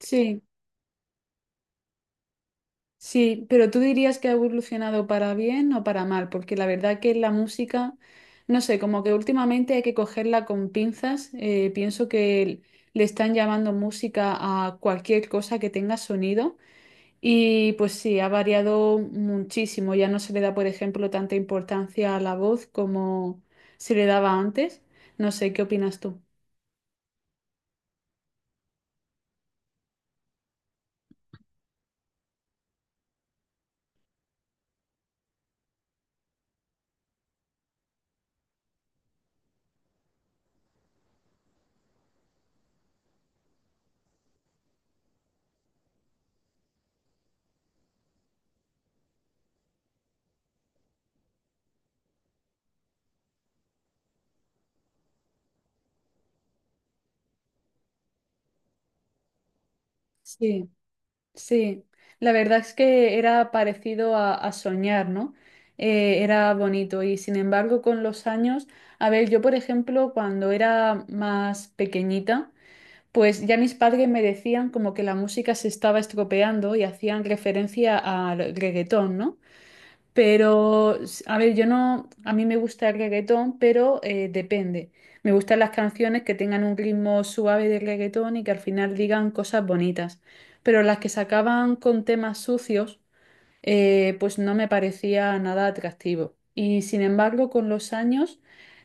Sí, sí, pero tú dirías que ha evolucionado para bien o para mal, porque la verdad que la música, no sé, como que últimamente hay que cogerla con pinzas. Pienso que le están llamando música a cualquier cosa que tenga sonido y pues sí, ha variado muchísimo. Ya no se le da, por ejemplo, tanta importancia a la voz como se le daba antes. No sé, ¿qué opinas tú? Sí. Sí, la verdad es que era parecido a, soñar, ¿no? Era bonito y sin embargo con los años, a ver, yo por ejemplo cuando era más pequeñita, pues ya mis padres me decían como que la música se estaba estropeando y hacían referencia al reggaetón, ¿no? Pero, a ver, yo no, a mí me gusta el reggaetón, pero depende. Me gustan las canciones que tengan un ritmo suave de reggaetón y que al final digan cosas bonitas. Pero las que se acaban con temas sucios, pues no me parecía nada atractivo. Y sin embargo, con los años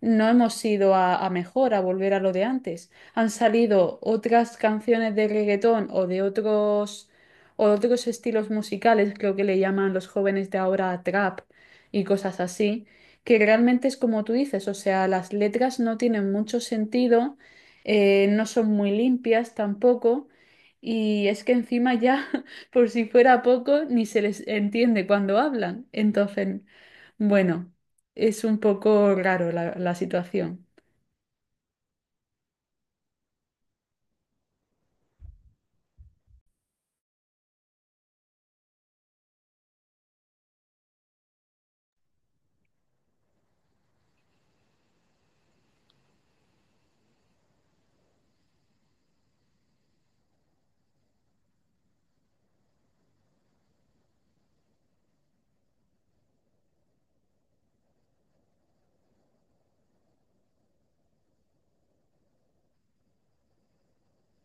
no hemos ido a, mejor, a volver a lo de antes. Han salido otras canciones de reggaetón o de otros estilos musicales, creo que le llaman los jóvenes de ahora trap y cosas así, que realmente es como tú dices, o sea, las letras no tienen mucho sentido, no son muy limpias tampoco. Y es que encima ya Por si fuera poco, ni se les entiende cuando hablan. Entonces, bueno, es un poco raro la situación.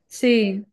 Sí,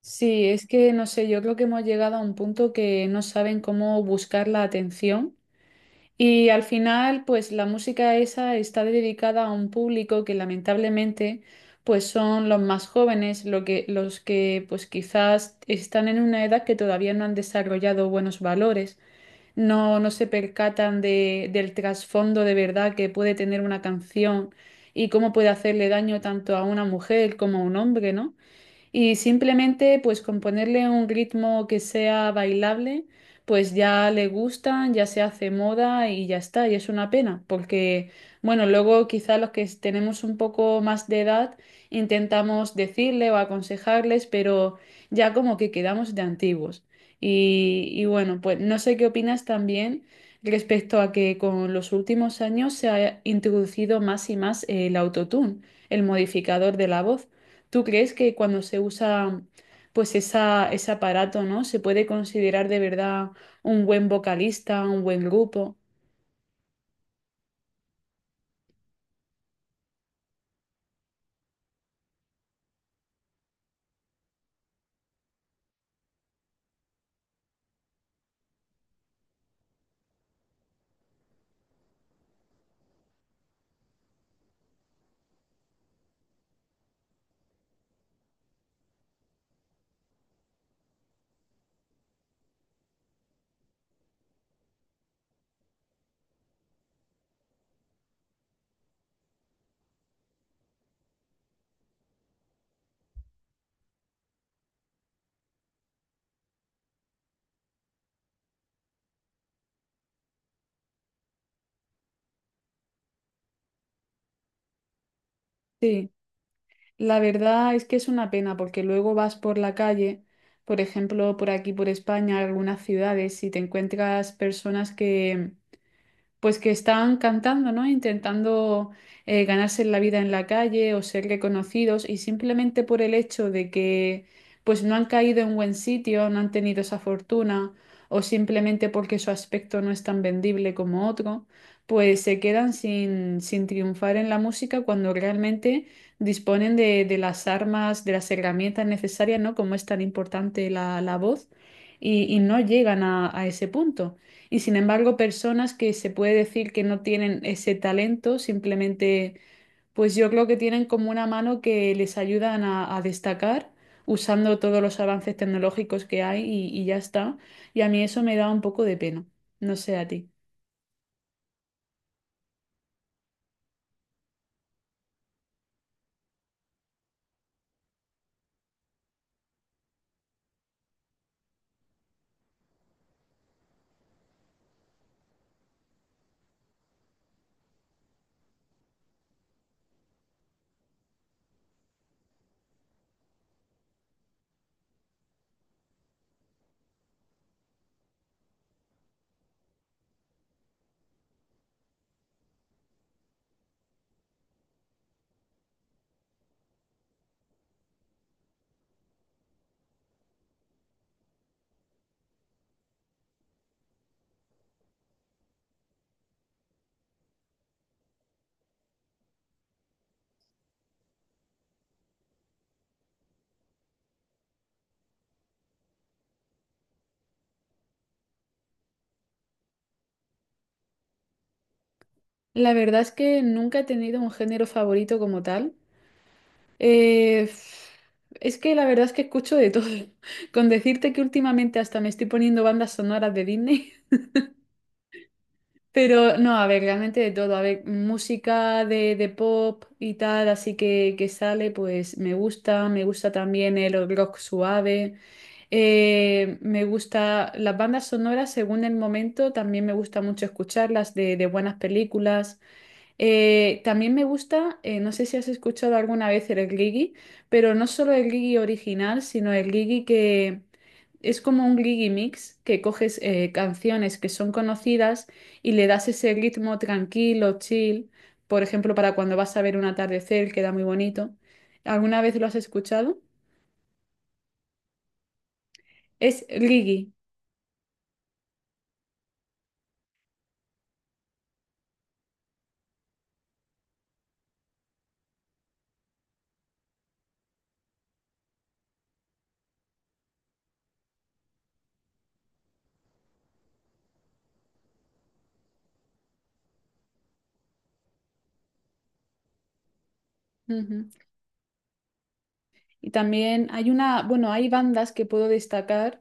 sí, es que no sé, yo creo que hemos llegado a un punto que no saben cómo buscar la atención. Y al final, pues la música esa está dedicada a un público que lamentablemente, pues son los más jóvenes, los que pues quizás están en una edad que todavía no han desarrollado buenos valores. No se percatan del trasfondo de verdad que puede tener una canción y cómo puede hacerle daño tanto a una mujer como a un hombre, ¿no? Y simplemente pues con ponerle un ritmo que sea bailable, pues ya le gustan, ya se hace moda y ya está. Y es una pena, porque bueno, luego quizá los que tenemos un poco más de edad intentamos decirle o aconsejarles, pero ya como que quedamos de antiguos. Y bueno, pues no sé qué opinas también respecto a que con los últimos años se ha introducido más y más el autotune, el modificador de la voz. ¿Tú crees que cuando se usa pues esa, ese aparato, ¿no? Se puede considerar de verdad un buen vocalista, un buen grupo? Sí, la verdad es que es una pena porque luego vas por la calle, por ejemplo, por aquí, por España, algunas ciudades, y te encuentras personas que pues que están cantando, ¿no? Intentando ganarse la vida en la calle o ser reconocidos y simplemente por el hecho de que pues no han caído en buen sitio, no han tenido esa fortuna o simplemente porque su aspecto no es tan vendible como otro, pues se quedan sin, sin triunfar en la música cuando realmente disponen de las armas, de las herramientas necesarias, ¿no? Como es tan importante la voz y no llegan a ese punto. Y sin embargo, personas que se puede decir que no tienen ese talento, simplemente, pues yo creo que tienen como una mano que les ayudan a, destacar usando todos los avances tecnológicos que hay y ya está. Y a mí eso me da un poco de pena. No sé a ti. La verdad es que nunca he tenido un género favorito como tal. Eh, es que la verdad es que escucho de todo. Con decirte que últimamente hasta me estoy poniendo bandas sonoras de Disney. Pero no, a ver, realmente de todo. A ver, música de pop y tal, así que sale, pues me gusta. Me gusta también el rock suave. Me gusta las bandas sonoras según el momento. También me gusta mucho escucharlas de buenas películas. También me gusta, no sé si has escuchado alguna vez el Gligi, pero no solo el Gligi original, sino el Gligi que es como un Gligi mix, que coges canciones que son conocidas y le das ese ritmo tranquilo, chill, por ejemplo, para cuando vas a ver un atardecer, queda muy bonito. ¿Alguna vez lo has escuchado? Es Gligi. Ujú. Y también hay una, bueno, hay bandas que puedo destacar.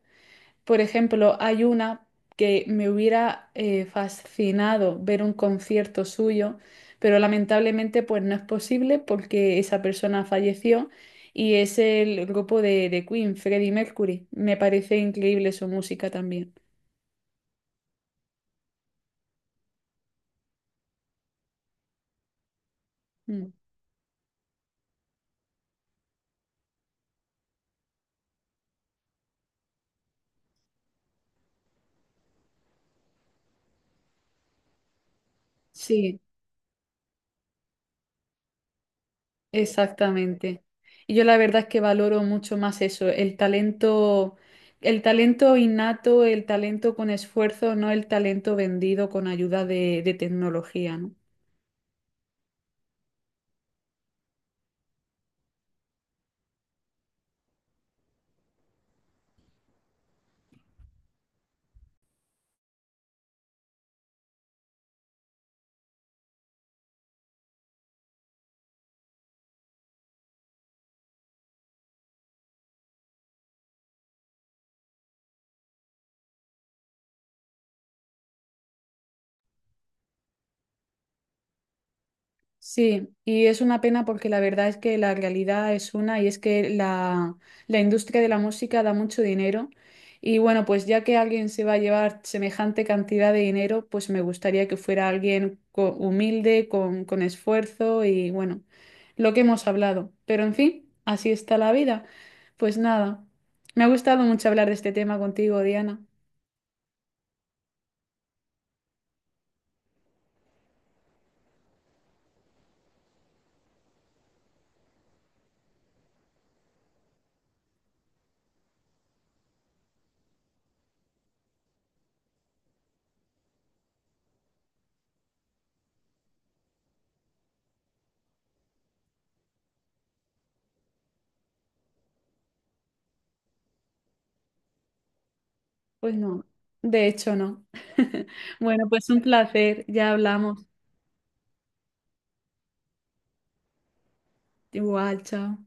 Por ejemplo, hay una que me hubiera fascinado ver un concierto suyo, pero lamentablemente pues no es posible porque esa persona falleció y es el grupo de Queen, Freddie Mercury. Me parece increíble su música también. Mm. Sí, exactamente. Y yo la verdad es que valoro mucho más eso, el talento innato, el talento con esfuerzo, no el talento vendido con ayuda de tecnología, ¿no? Sí, y es una pena porque la verdad es que la realidad es una y es que la industria de la música da mucho dinero y bueno, pues ya que alguien se va a llevar semejante cantidad de dinero, pues me gustaría que fuera alguien humilde, con esfuerzo y bueno, lo que hemos hablado. Pero en fin, así está la vida. Pues nada, me ha gustado mucho hablar de este tema contigo, Diana. Pues no, de hecho no. Bueno, pues un placer, ya hablamos. Igual, chao.